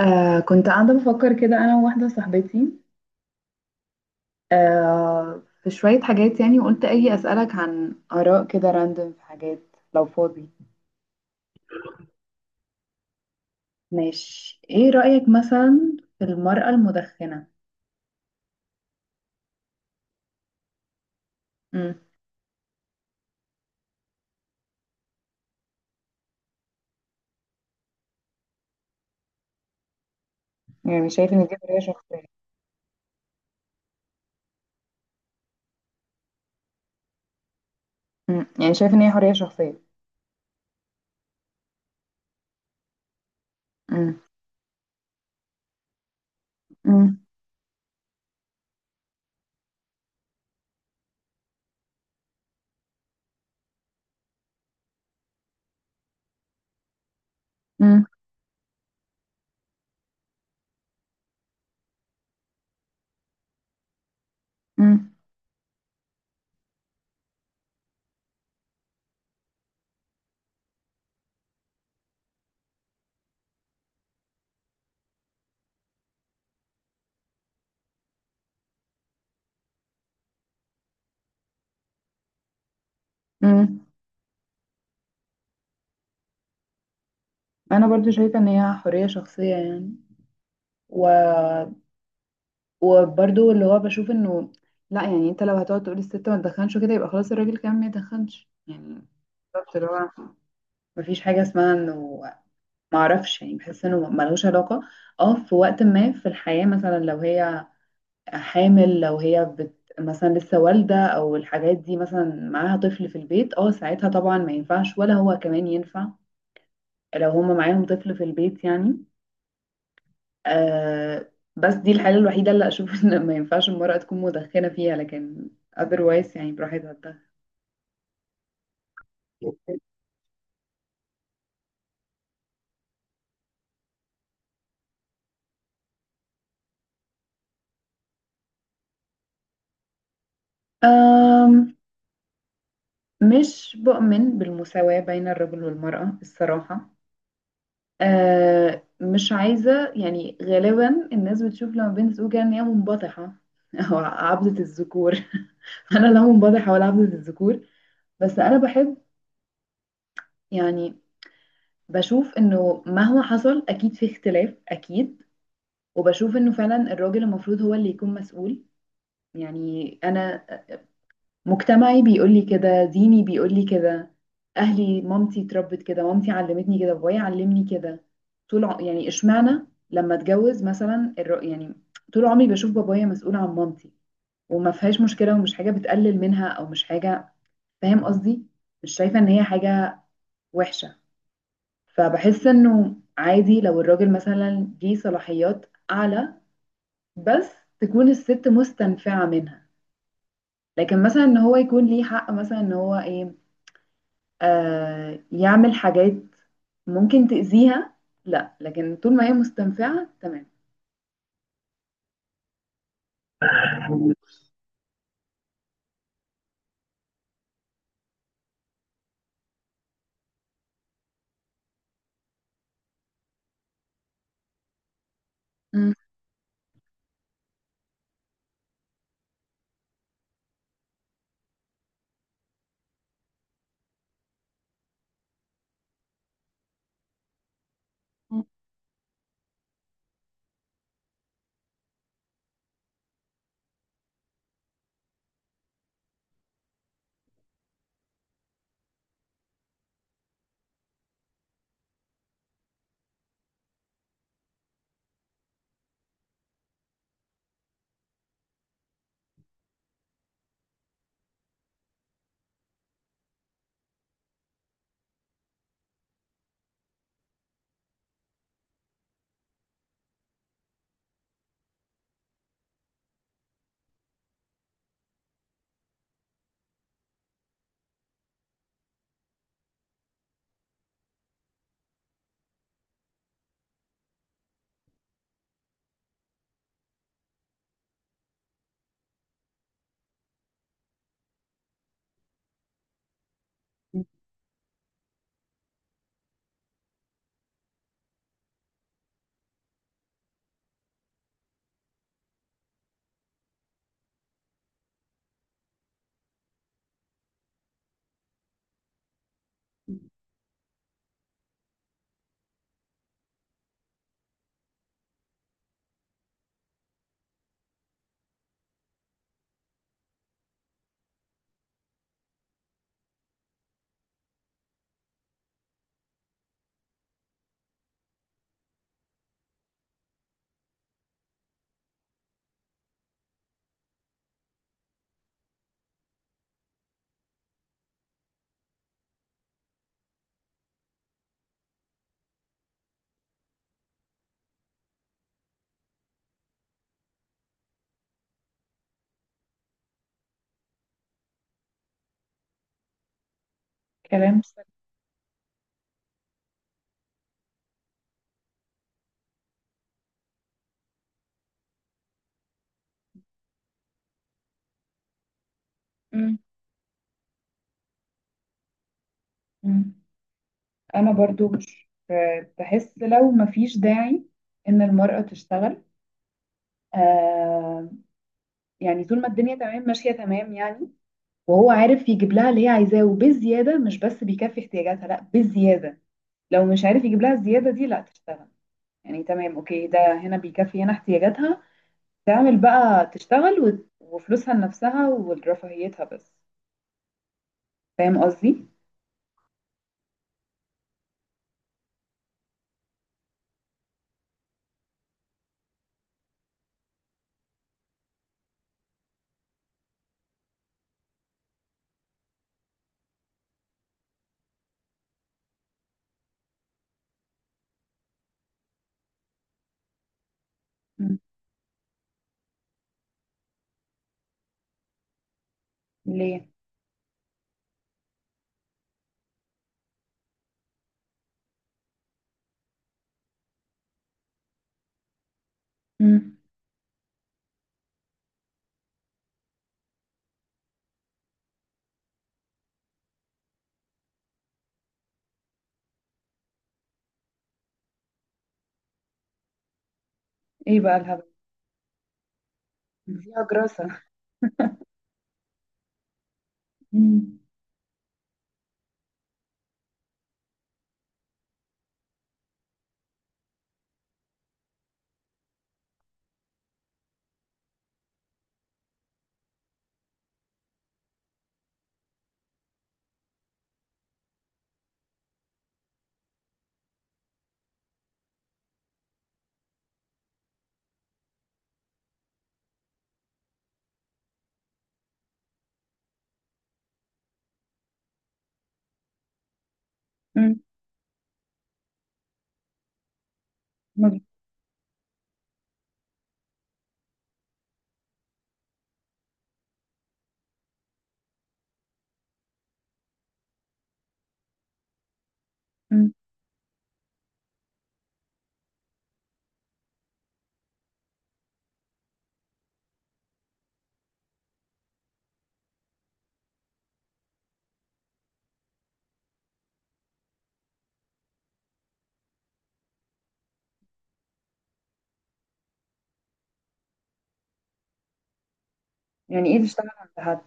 كنت قاعدة بفكر كده أنا وواحدة صاحبتي. في شوية حاجات، يعني وقلت أجي أسألك عن آراء كده راندوم في حاجات لو فاضي. ماشي، إيه رأيك مثلا في المرأة المدخنة؟ مم. يعني شايف إن دي حرية شخصية. مم. يعني شايف إن هي حرية شخصية. مم. مم. مم. مم. مم. أنا برضو شايفة إن هي حرية شخصية، يعني و وبرضو اللي هو بشوف انه لا، يعني انت لو هتقعد تقول الست ما تدخنش وكده يبقى خلاص الراجل كمان ما يدخنش يعني. بالظبط، اللي هو مفيش حاجة اسمها انه ما اعرفش، يعني بحس انه ملوش علاقة. اه في وقت ما في الحياة مثلا، لو هي حامل، لو هي بت مثلا لسه والدة او الحاجات دي مثلا معاها طفل في البيت، ساعتها طبعا ما ينفعش ولا هو كمان ينفع، لو هما معاهم طفل في البيت يعني. بس دي الحالة الوحيدة اللي أشوف إن ما ينفعش المرأة تكون مدخنة فيها، لكن otherwise يعني براحتها تدخن. آم، مش بؤمن بالمساواة بين الرجل والمرأة الصراحة. مش عايزة، يعني غالبا الناس بتشوف لما بين زوجها إن هي منبطحة أو عبدة الذكور. أنا لا منبطحة ولا عبدة الذكور. بس أنا بحب، يعني بشوف إنه مهما حصل أكيد في اختلاف أكيد. وبشوف انه فعلا الراجل المفروض هو اللي يكون مسؤول، يعني انا مجتمعي بيقول لي كده، ديني بيقول لي كده، اهلي مامتي اتربت كده، مامتي علمتني كده، بابايا علمني كده. يعني اشمعنى لما اتجوز مثلا يعني طول عمري بشوف بابايا مسؤول عن مامتي، وما فيهاش مشكلة ومش حاجة بتقلل منها او مش حاجة، فاهم قصدي؟ مش شايفة ان هي حاجة وحشة. فبحس انه عادي لو الراجل مثلا ليه صلاحيات اعلى، بس تكون الست مستنفعة منها. لكن مثلا ان هو يكون ليه حق مثلا ان هو ايه، يعمل حاجات ممكن تأذيها، لا. لكن طول ما هي مستنفعة تمام. مم. كلام سليم. مم. مم. انا برضو مش بحس لو مفيش داعي ان المرأة تشتغل. آه يعني طول ما الدنيا تمام ماشية تمام، يعني وهو عارف يجيب لها اللي هي عايزاه وبالزيادة، مش بس بيكفي احتياجاتها، لا بالزيادة. لو مش عارف يجيب لها الزيادة دي، لا تشتغل. يعني تمام اوكي، ده هنا بيكفي هنا احتياجاتها، تعمل بقى تشتغل وفلوسها لنفسها ولرفاهيتها بس. فاهم قصدي؟ مم. ليه؟ مم. ايه بقى الهبل؟ فيها جراسة. مم. مم. مم. مم. يعني ايه تشتغل عند حد؟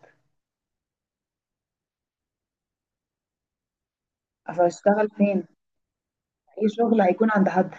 اصل هشتغل فين؟ اي شغل هيكون عند حد؟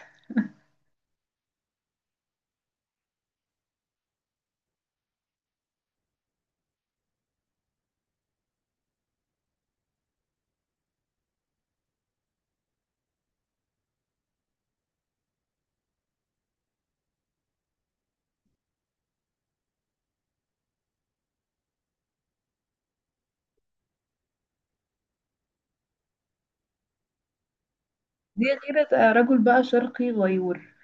دي غيرة، رجل بقى شرقي غيور.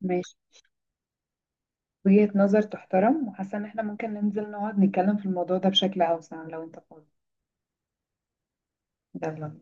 ماشي. وجهة نظر تحترم وحاسة ان احنا ممكن ننزل نقعد نتكلم في الموضوع ده بشكل اوسع لو انت فاضي. يلا.